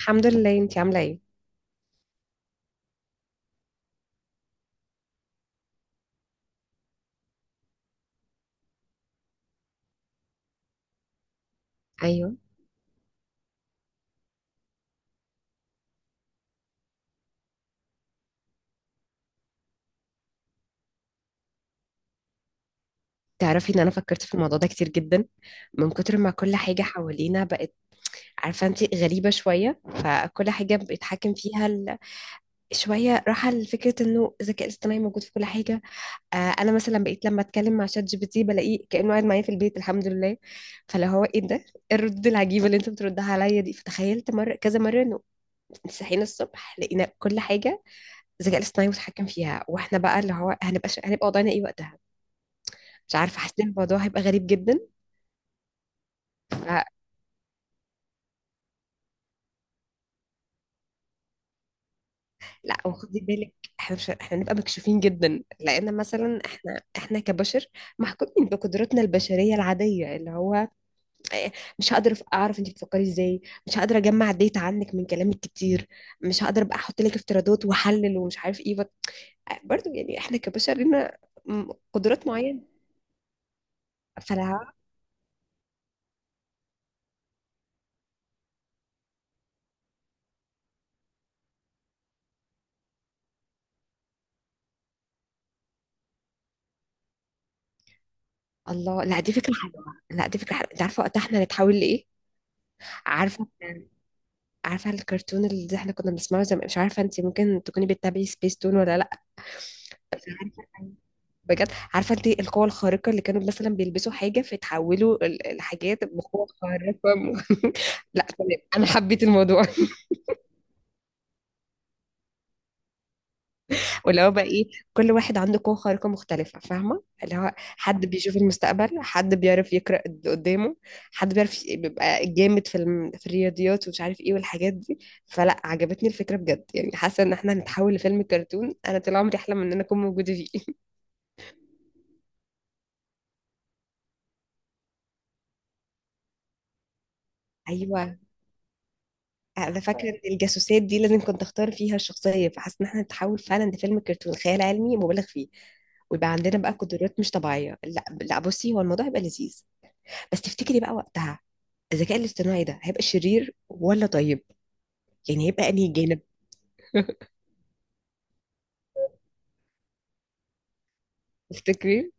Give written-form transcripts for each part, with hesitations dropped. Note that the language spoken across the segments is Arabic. الحمد لله، انتي عاملة ايه؟ ايوه، تعرفي ان انا فكرت في الموضوع ده كتير جدا. من كتر ما كل حاجة حوالينا بقت، عارفة انتي غريبة شوية، فكل حاجة بيتحكم فيها ال... شوية راحة لفكرة انه الذكاء الاصطناعي موجود في كل حاجة. آه، انا مثلا بقيت لما اتكلم مع شات جي بي تي بلاقيه كأنه قاعد معايا في البيت، الحمد لله. فلو هو ايه ده؟ ايه الردود العجيبة اللي انت بتردها عليا دي؟ فتخيلت مرة، كذا مرة، انه صحينا الصبح لقينا كل حاجة الذكاء الاصطناعي متحكم فيها، واحنا بقى اللي هو هنبقى هنبقى وضعنا ايه وقتها؟ مش عارفه، حسيت إن الموضوع هيبقى غريب جدا. فلا، وخدي بالك، احنا مش احنا نبقى مكشوفين جدا؟ لان مثلا احنا كبشر محكومين بقدراتنا البشريه العاديه، اللي هو إيه، مش هقدر اعرف انت بتفكري ازاي، مش هقدر اجمع ديتا عنك من كلامك كتير، مش هقدر ابقى احط لك افتراضات واحلل ومش عارف ايه برضو. يعني احنا كبشر لنا قدرات معينه. فلا، الله، لا دي فكره حلوه. لا دي فكره حلوه، انت عارفه وقتها احنا هنتحول لايه؟ عارفه، عارفه الكرتون اللي احنا كنا بنسمعه زمان؟ مش عارفه انت ممكن تكوني بتتابعي سبيس تون ولا لا. بجد، عارفه انت القوه الخارقه اللي كانوا مثلا بيلبسوا حاجه فيتحولوا الحاجات بقوه خارقه لا تمام، انا حبيت الموضوع واللي هو بقى ايه، كل واحد عنده قوه خارقه مختلفه، فاهمه؟ اللي هو حد بيشوف المستقبل، حد بيعرف يقرا اللي قدامه، حد بيعرف بيبقى جامد في في الرياضيات ومش عارف ايه والحاجات دي. فلا، عجبتني الفكره بجد، يعني حاسه ان احنا هنتحول لفيلم كرتون انا طول عمري احلم ان انا اكون موجوده فيه ايوه، انا فاكره ان الجاسوسات دي لازم كنت اختار فيها الشخصيه، فحاسه ان احنا نتحول فعلا لفيلم كرتون خيال علمي مبالغ فيه، ويبقى عندنا بقى قدرات مش طبيعيه. لا لا، بصي هو الموضوع هيبقى لذيذ، بس تفتكري بقى وقتها الذكاء الاصطناعي ده هيبقى شرير ولا طيب؟ يعني هيبقى انهي جانب؟ تفتكري؟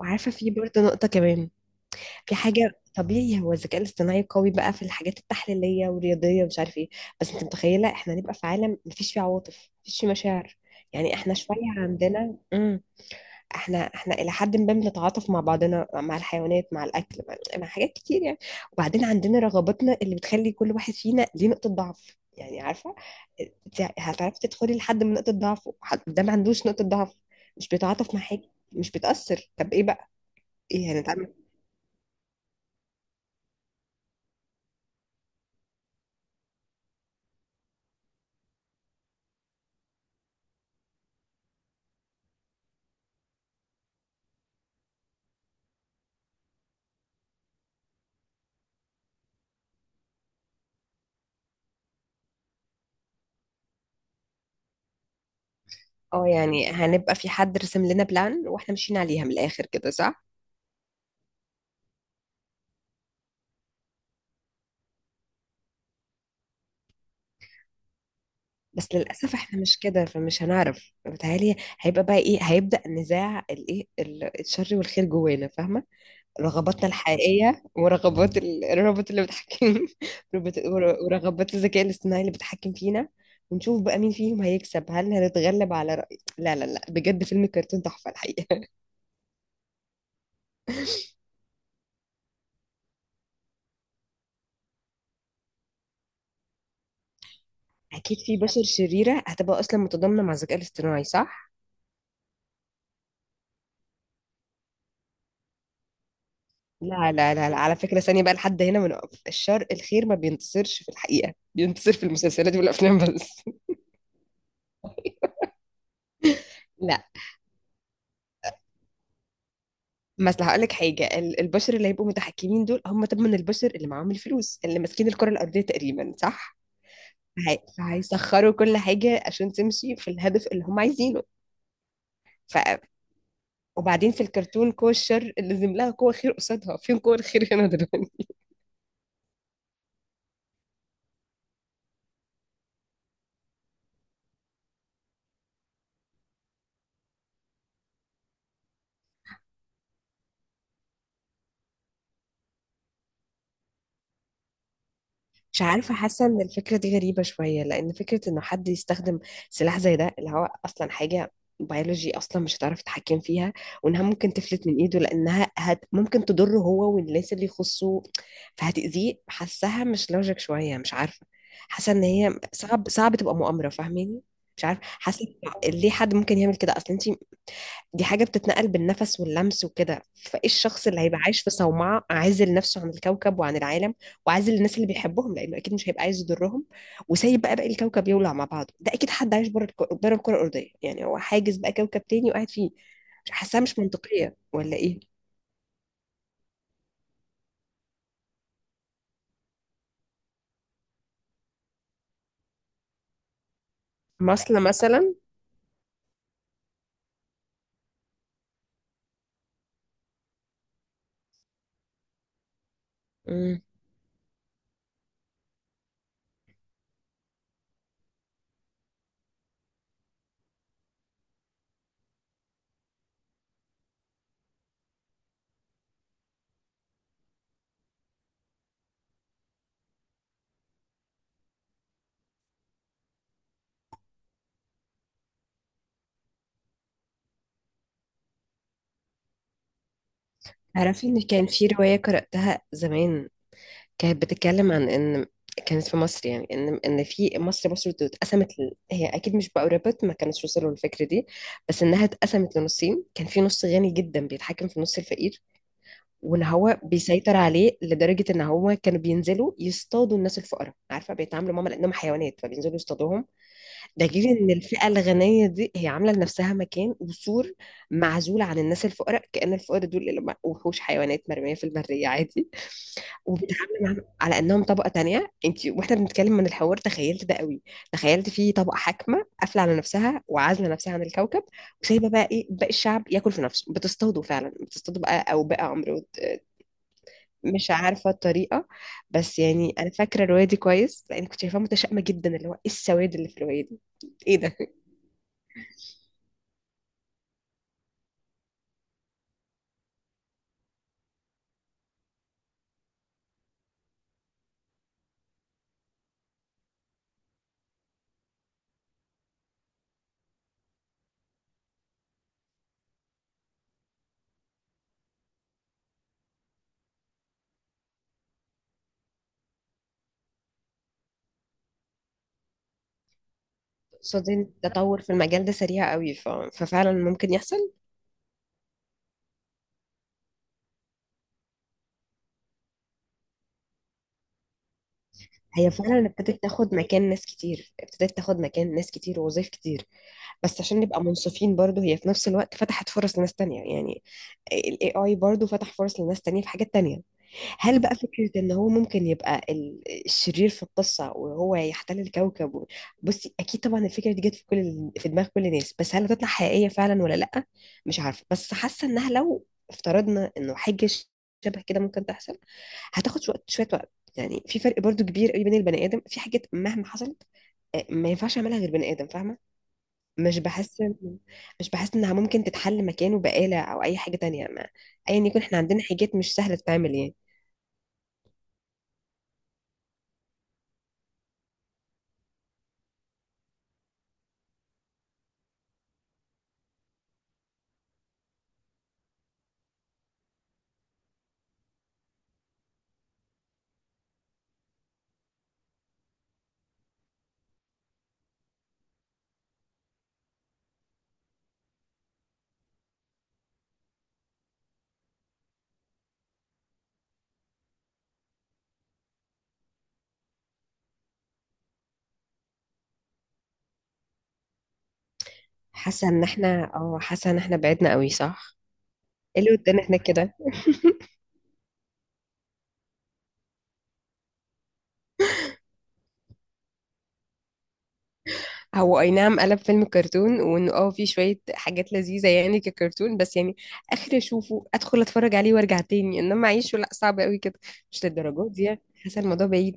وعارفه في برضه نقطه كمان، في حاجه، طبيعي هو الذكاء الاصطناعي قوي بقى في الحاجات التحليليه والرياضيه ومش عارف ايه، بس انت متخيله احنا هنبقى في عالم مفيش فيه عواطف، مفيش فيه مشاعر؟ يعني احنا شويه عندنا احنا الى حد ما بنتعاطف مع بعضنا، مع الحيوانات، مع الاكل، مع حاجات كتير يعني. وبعدين عندنا رغباتنا اللي بتخلي كل واحد فينا ليه نقطة ضعف، يعني عارفة انت هتعرفي تدخلي لحد من نقطة ضعفه، حد ده ما عندوش نقطة ضعف، مش بيتعاطف مع حاجة، مش بتأثر، طب ايه بقى؟ ايه هنتعمل؟ اه يعني هنبقى في حد رسم لنا بلان واحنا ماشيين عليها من الاخر كده، صح؟ بس للاسف احنا مش كده، فمش هنعرف. بتهيألي هيبقى بقى ايه، هيبدأ نزاع الايه، الشر والخير جوانا، فاهمة؟ رغباتنا الحقيقية ورغبات الروبوت اللي بيتحكم ورغبات الذكاء الاصطناعي اللي بيتحكم فينا. ونشوف بقى مين فيهم هيكسب، هل هنتغلب على رأي؟ لا لا لا، بجد فيلم كرتون تحفة الحقيقة. أكيد في بشر شريرة هتبقى أصلا متضامنة مع الذكاء الاصطناعي، صح؟ لا لا لا، لا. على فكرة، ثانية بقى لحد هنا بنقف، الشر الخير ما بينتصرش في الحقيقة، بينتصر في المسلسلات والأفلام بس. لا، مثلا هقول لك حاجه، البشر اللي هيبقوا متحكمين دول هم طبعا البشر اللي معاهم الفلوس، اللي ماسكين الكره الارضيه تقريبا، صح؟ فهيسخروا كل حاجة عشان تمشي في الهدف اللي هم عايزينه. ف... وبعدين في الكرتون قوة الشر اللي لازم لها قوة خير قصادها، فين قوة الخير هنا دلوقتي؟ مش عارفة، حاسة ان الفكرة دي غريبة شوية، لان فكرة انه حد يستخدم سلاح زي ده اللي هو اصلا حاجة بيولوجي اصلا مش هتعرف تتحكم فيها، وانها ممكن تفلت من ايده لانها هت ممكن تضره هو والناس اللي يخصه، فهتأذيه. حاساها مش لوجيك شوية، مش عارفة، حاسة ان هي صعب، صعب تبقى مؤامرة، فاهماني؟ مش عارفة، حاسة ليه حد ممكن يعمل كده اصلا؟ انت دي حاجة بتتنقل بالنفس واللمس وكده، فايه الشخص اللي هيبقى عايش في صومعة عازل نفسه عن الكوكب وعن العالم، وعازل الناس اللي بيحبهم لأنه أكيد مش هيبقى عايز يضرهم، وسايب بقى باقي الكوكب يولع مع بعضه؟ ده أكيد حد عايش بره بره الكرة الأرضية، يعني هو حاجز بقى كوكب تاني وقاعد فيه. مش حاساها مش منطقية ولا إيه؟ مصل مثلا. مم. تعرفي إن كان في رواية قرأتها زمان، كانت بتتكلم عن ان كانت في مصر، يعني ان في مصر، مصر اتقسمت هي اكيد مش بقربت، ما كانتش وصلوا للفكره دي، بس انها اتقسمت لنصين، كان في نص غني جدا بيتحكم في نص الفقير، وان هو بيسيطر عليه لدرجه ان هو كانوا بينزلوا يصطادوا الناس الفقراء، عارفه؟ بيتعاملوا معاهم لانهم حيوانات، فبينزلوا يصطادوهم. ده غير ان الفئة الغنية دي هي عاملة لنفسها مكان وسور معزول عن الناس الفقراء، كأن الفقراء دول اللي هم وحوش حيوانات مرمية في المرية عادي وبيتعاملوا معاهم على انهم طبقة تانية. انت، واحنا بنتكلم من الحوار، تخيلت ده قوي. تخيلت في طبقة حاكمة قافلة على نفسها وعازلة نفسها عن الكوكب، وسايبة بقى ايه باقي الشعب ياكل في نفسه، بتصطادوا فعلا، بتصطادوا بقى او بقى عمرو، مش عارفة الطريقة. بس يعني انا فاكرة الرواية دي كويس لان كنت شايفاها متشائمة جدا، اللي هو ايه السواد اللي في الرواية دي. ايه ده؟ قصاد إن التطور في المجال ده سريع قوي ففعلا ممكن يحصل. هي فعلا ابتدت تاخد مكان ناس كتير، ابتدت تاخد مكان ناس كتير ووظايف كتير، بس عشان نبقى منصفين برضو هي في نفس الوقت فتحت فرص لناس تانية يعني. ال AI برضو فتح فرص لناس تانية في حاجات تانية. هل بقى فكرة ان هو ممكن يبقى الشرير في القصة، وهو يحتل الكوكب بصي اكيد طبعا الفكرة دي جت في كل في دماغ كل الناس، بس هل هتطلع حقيقية فعلا ولا لأ؟ مش عارفة، بس حاسة انها لو افترضنا انه حاجة شبه كده ممكن تحصل، هتاخد شوية شوية وقت. يعني في فرق برضو كبير قوي بين البني آدم، في حاجات مهما حصلت ما ينفعش يعملها غير بني آدم، فاهمة؟ مش بحس إن- مش بحس انها ممكن تتحل مكانه بآلة او اي حاجة تانية. ما ايا يكون احنا عندنا حاجات مش سهلة تتعمل يعني. حاسة ان احنا، اه حاسة ان احنا بعدنا قوي، صح؟ ايه اللي ودانا احنا كده؟ هو اي نعم، قلب فيلم كرتون، وانه اه في شوية حاجات لذيذة يعني ككرتون، بس يعني اخر اشوفه ادخل اتفرج عليه وارجع تاني، انما اعيشه لا، صعب قوي كده، مش للدرجات دي يعني. حاسة الموضوع بعيد.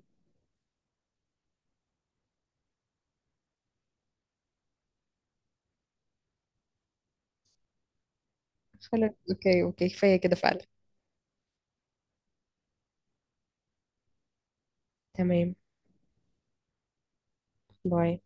خلاص اوكي اوكي، كفاية كده فعلا. تمام. باي.